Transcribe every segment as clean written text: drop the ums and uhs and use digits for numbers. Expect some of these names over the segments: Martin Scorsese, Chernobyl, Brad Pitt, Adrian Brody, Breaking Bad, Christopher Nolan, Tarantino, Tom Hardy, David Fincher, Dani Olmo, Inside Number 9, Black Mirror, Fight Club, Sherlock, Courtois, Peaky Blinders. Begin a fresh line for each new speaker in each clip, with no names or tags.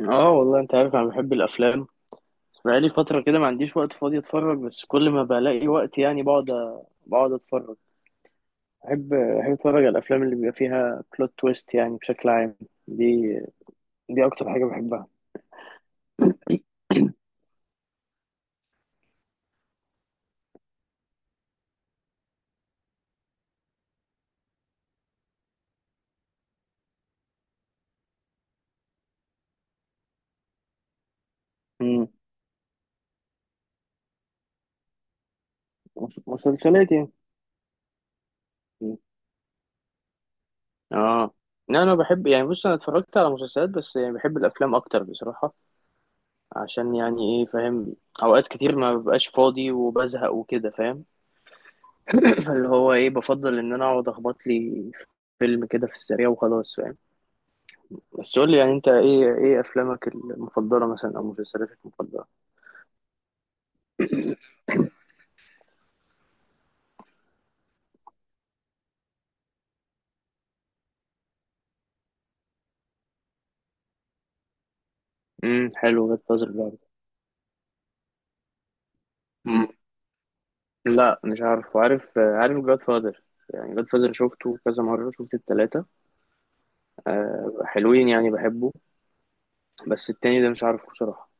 اه والله انت عارف انا بحب الافلام. بس بقالي فتره كده ما عنديش وقت فاضي اتفرج، بس كل ما بلاقي وقت يعني بقعد اتفرج. بحب اتفرج على الافلام اللي بيبقى فيها بلوت تويست يعني بشكل عام. دي دي اكتر حاجه بحبها. امم مسلسلات يعني. مم. اه، لا انا بحب، يعني بص انا اتفرجت على مسلسلات بس يعني بحب الافلام اكتر بصراحه. عشان يعني ايه، فاهم؟ اوقات كتير ما ببقاش فاضي وبزهق وكده، فاهم؟ اللي هو ايه، بفضل ان انا اقعد اخبط لي فيلم كده في السريع وخلاص، فاهم؟ بس قول لي يعني انت ايه، ايه افلامك المفضله مثلا او مسلسلاتك المفضله؟ حلو، جاد فازر ده. مم. لا مش عارف، وعارف جاد فازر. يعني جاد فازر شفته كذا مره، شفت التلاته. أه حلوين يعني بحبه. بس التاني ده مش عارفه بصراحه.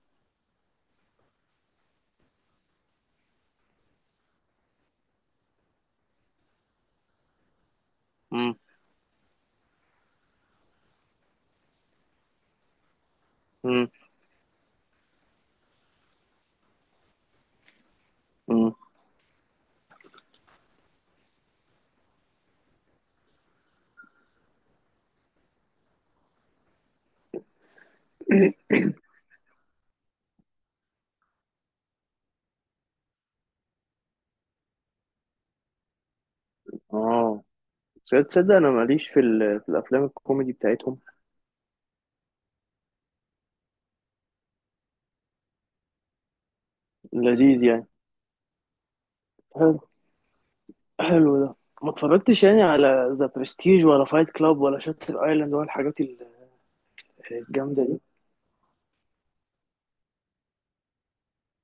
امم امم امم اه، تصدق انا ماليش في الافلام الكوميدي بتاعتهم. لذيذ يعني، حلو ده. ما اتفرجتش يعني على ذا برستيج ولا فايت كلاب ولا شاتر ايلاند ولا الحاجات الجامده دي؟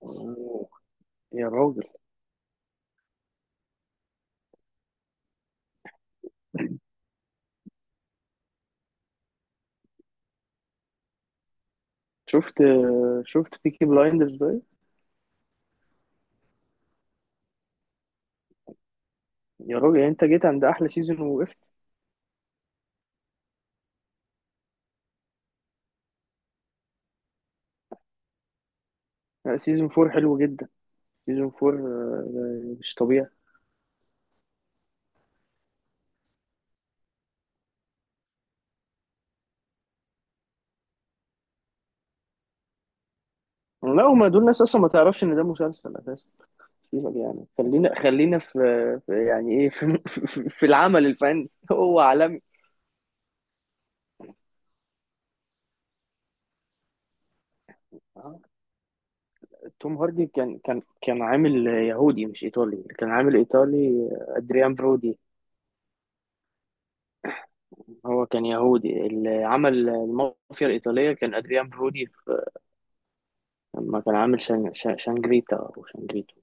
أوه، يا راجل، شفت شفت بيكي بلايندرز ده؟ يا راجل، يعني انت جيت عند احلى سيزون ووقفت. لا، سيزون فور حلو جدا. سيزون فور آه، مش طبيعي. لا هما دول ناس اصلا ما تعرفش ان ده مسلسل اساسا. سيبك، يعني خلينا في يعني ايه، في العمل الفني هو عالمي. توم هاردي كان كان عامل يهودي مش ايطالي، كان عامل ايطالي، ادريان برودي. هو كان يهودي، اللي عمل المافيا الايطاليه كان ادريان برودي في، لما كان عامل شانجريتا او شانجريتو.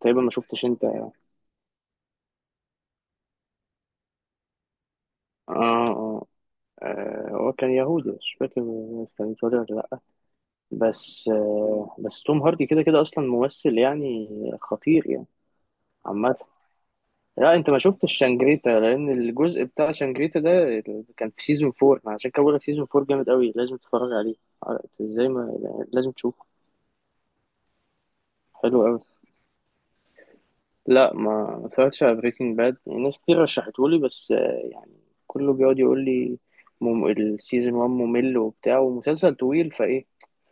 تقريبا ما شفتش انت؟ اه، اه، آه، هو كان يهودي مش فاكر كان ايطالي ولا لا. بس آه، بس توم هاردي كده كده اصلا ممثل يعني، خطير يعني، عامه. لا انت ما شفتش شانجريتا، لان الجزء بتاع شانجريتا ده كان في سيزون 4. أنا عشان كده بقول لك سيزون 4 جامد قوي، لازم تتفرج عليه. ازاي ما، يعني لازم تشوفه. حلو قوي. لا ما، ما اتفرجتش على بريكنج باد. ناس كتير رشحته لي، بس آه، يعني كله بيقعد يقول لي السيزون 1 ممل وبتاع، ومسلسل طويل فايه،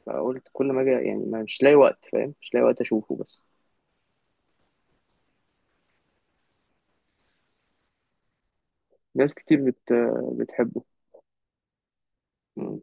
فقلت كل ما اجي يعني مش لاقي وقت، فاهم؟ مش لاقي وقت اشوفه بس. ناس كتير بتحبه. مم.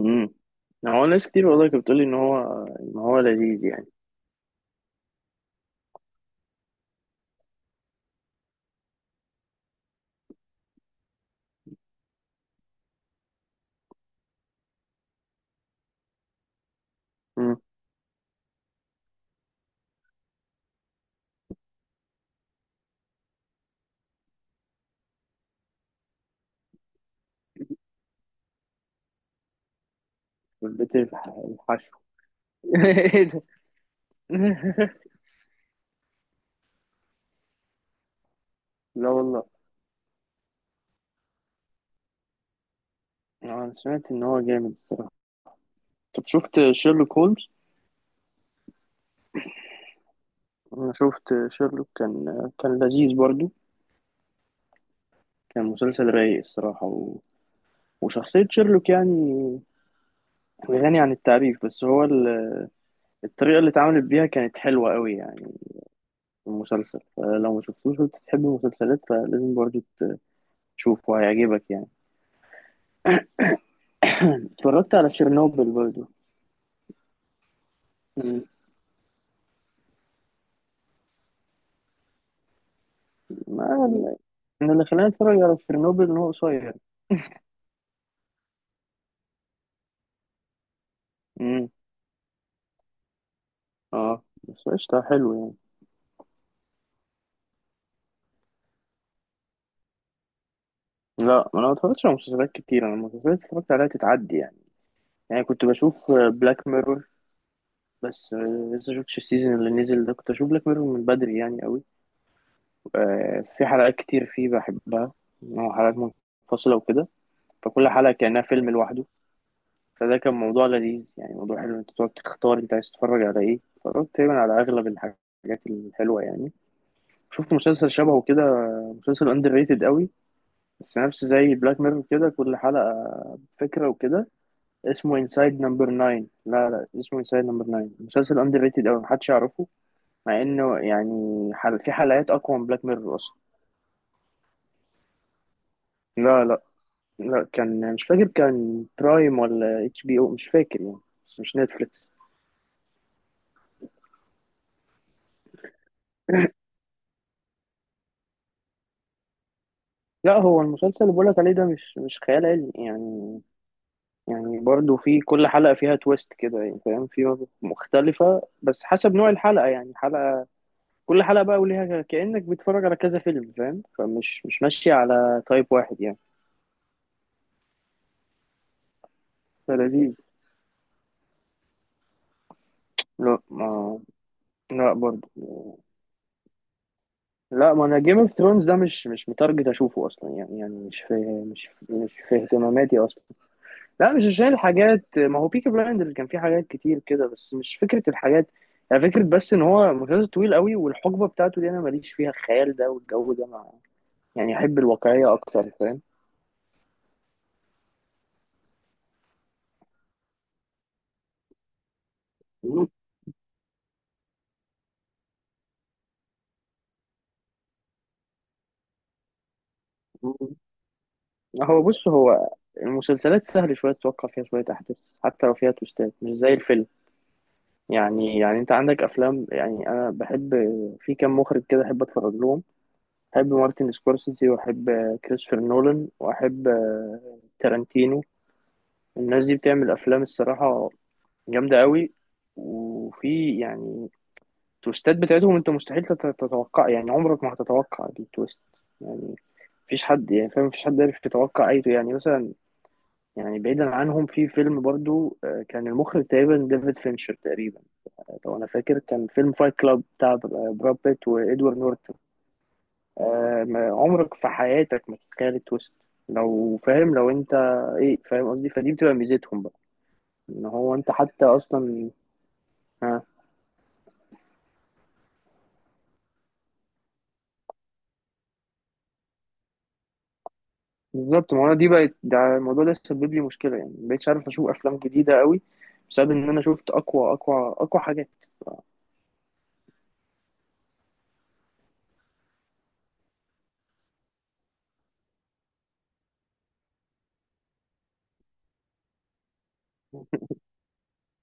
مم. هو ناس كتير والله كانت بتقولي ان هو، ان هو لذيذ يعني. والبيت الحشو ايه ده؟ لا والله. انا سمعت ان هو جامد الصراحه. طب شفت شيرلوك هولمز؟ انا شفت شيرلوك، كان لذيذ برضو. كان مسلسل رايق الصراحه، و... وشخصيه شيرلوك يعني غني عن التعريف. بس هو الطريقه اللي اتعملت بيها كانت حلوه قوي يعني في المسلسل. فلو ما شفتوش وانت تحب المسلسلات، فلازم برضو تشوفه، هيعجبك يعني. اتفرجت على شيرنوبل برضو؟ مم. ما... انا اللي خلاني اتفرج على شيرنوبل ان هو قصير. مم. اه بس قشطة، حلو يعني. لا، ما انا ما اتفرجتش على مسلسلات كتير. انا المسلسلات اتفرجت عليها تتعدي يعني. يعني كنت بشوف بلاك ميرور، بس آه، لسه شفتش السيزون اللي نزل ده. كنت اشوف بلاك ميرور من بدري يعني قوي. آه، في حلقات كتير فيه بحبها، إن هو حلقات منفصلة وكده، فكل حلقة كأنها فيلم لوحده. فده كان موضوع لذيذ يعني، موضوع حلو، انت تقعد تختار انت عايز تتفرج على ايه. اتفرجت تقريبا على اغلب الحاجات الحلوة يعني. شفت مسلسل شبهه كده، مسلسل اندر ريتد قوي، بس نفس زي بلاك ميرور كده، كل حلقة فكرة وكده. اسمه انسايد نمبر 9. لا لا اسمه انسايد نمبر 9، مسلسل اندر ريتد أوي محدش يعرفه، مع انه يعني في حلقات اقوى من بلاك ميرور اصلا. لا لا، لا كان مش فاكر، كان برايم ولا اتش بي او مش فاكر يعني، بس مش نتفليكس. لا هو المسلسل اللي بقولك عليه ده مش، مش خيال علمي يعني. يعني برضه في كل حلقة فيها تويست كده يعني، فاهم؟ في مختلفة، بس حسب نوع الحلقة يعني. حلقة، كل حلقة بقى وليها، كأنك بتتفرج على كذا فيلم، فاهم؟ فمش، مش ماشية على تايب واحد يعني. فلذيذ. لا ما، لا برضه. لا ما انا جيم اوف ثرونز ده مش، مش متارجت اشوفه اصلا يعني، يعني مش في، مش في اهتماماتي اصلا. لا مش عشان الحاجات، ما هو بيكي بلايندرز كان فيه حاجات كتير كده بس، مش فكره الحاجات يعني، فكره بس ان هو مسلسل طويل قوي، والحقبه بتاعته دي انا ماليش فيها، الخيال ده والجو ده مع، يعني احب الواقعيه اكتر، فاهم؟ هو بص، هو المسلسلات سهل شوية تتوقع فيها شوية أحداث، حتى لو فيها تويستات، مش زي الفيلم. يعني، يعني أنت عندك أفلام، يعني أنا بحب، في كام مخرج كده أحب أتفرج لهم. أحب مارتن سكورسيزي، وأحب كريستوفر نولان، وأحب تارانتينو. الناس دي بتعمل أفلام الصراحة جامدة قوي، وفي يعني التويستات بتاعتهم أنت مستحيل تتوقع يعني، عمرك ما هتتوقع التويست يعني. مفيش حد يعني، فاهم؟ مفيش حد عارف يتوقع أي، يعني مثلا، يعني بعيدا عنهم، في فيلم برضو آه، كان المخرج تقريبا ديفيد فينشر تقريبا، لو انا فاكر، كان فيلم فايت كلاب بتاع براد بيت وادوارد نورتون. آه، عمرك في حياتك ما تتخيل التويست لو، فاهم؟ لو انت، ايه، فاهم قصدي؟ فدي بتبقى ميزتهم بقى، ان هو انت حتى اصلا، ها، بالظبط. ما هو أنا دي بقت، ده الموضوع ده سبب لي مشكله يعني، ما بقتش عارف اشوف افلام جديده قوي بسبب ان انا شفت اقوى اقوى حاجات.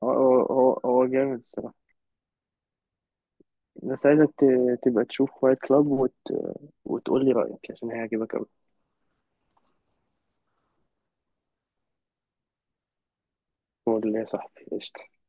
هو جامد الصراحة. بس عايزك تبقى تشوف فايت كلاب، وتقول لي رأيك، عشان هيعجبك أوي. هو ده اللي يا صاحبي، قشطة.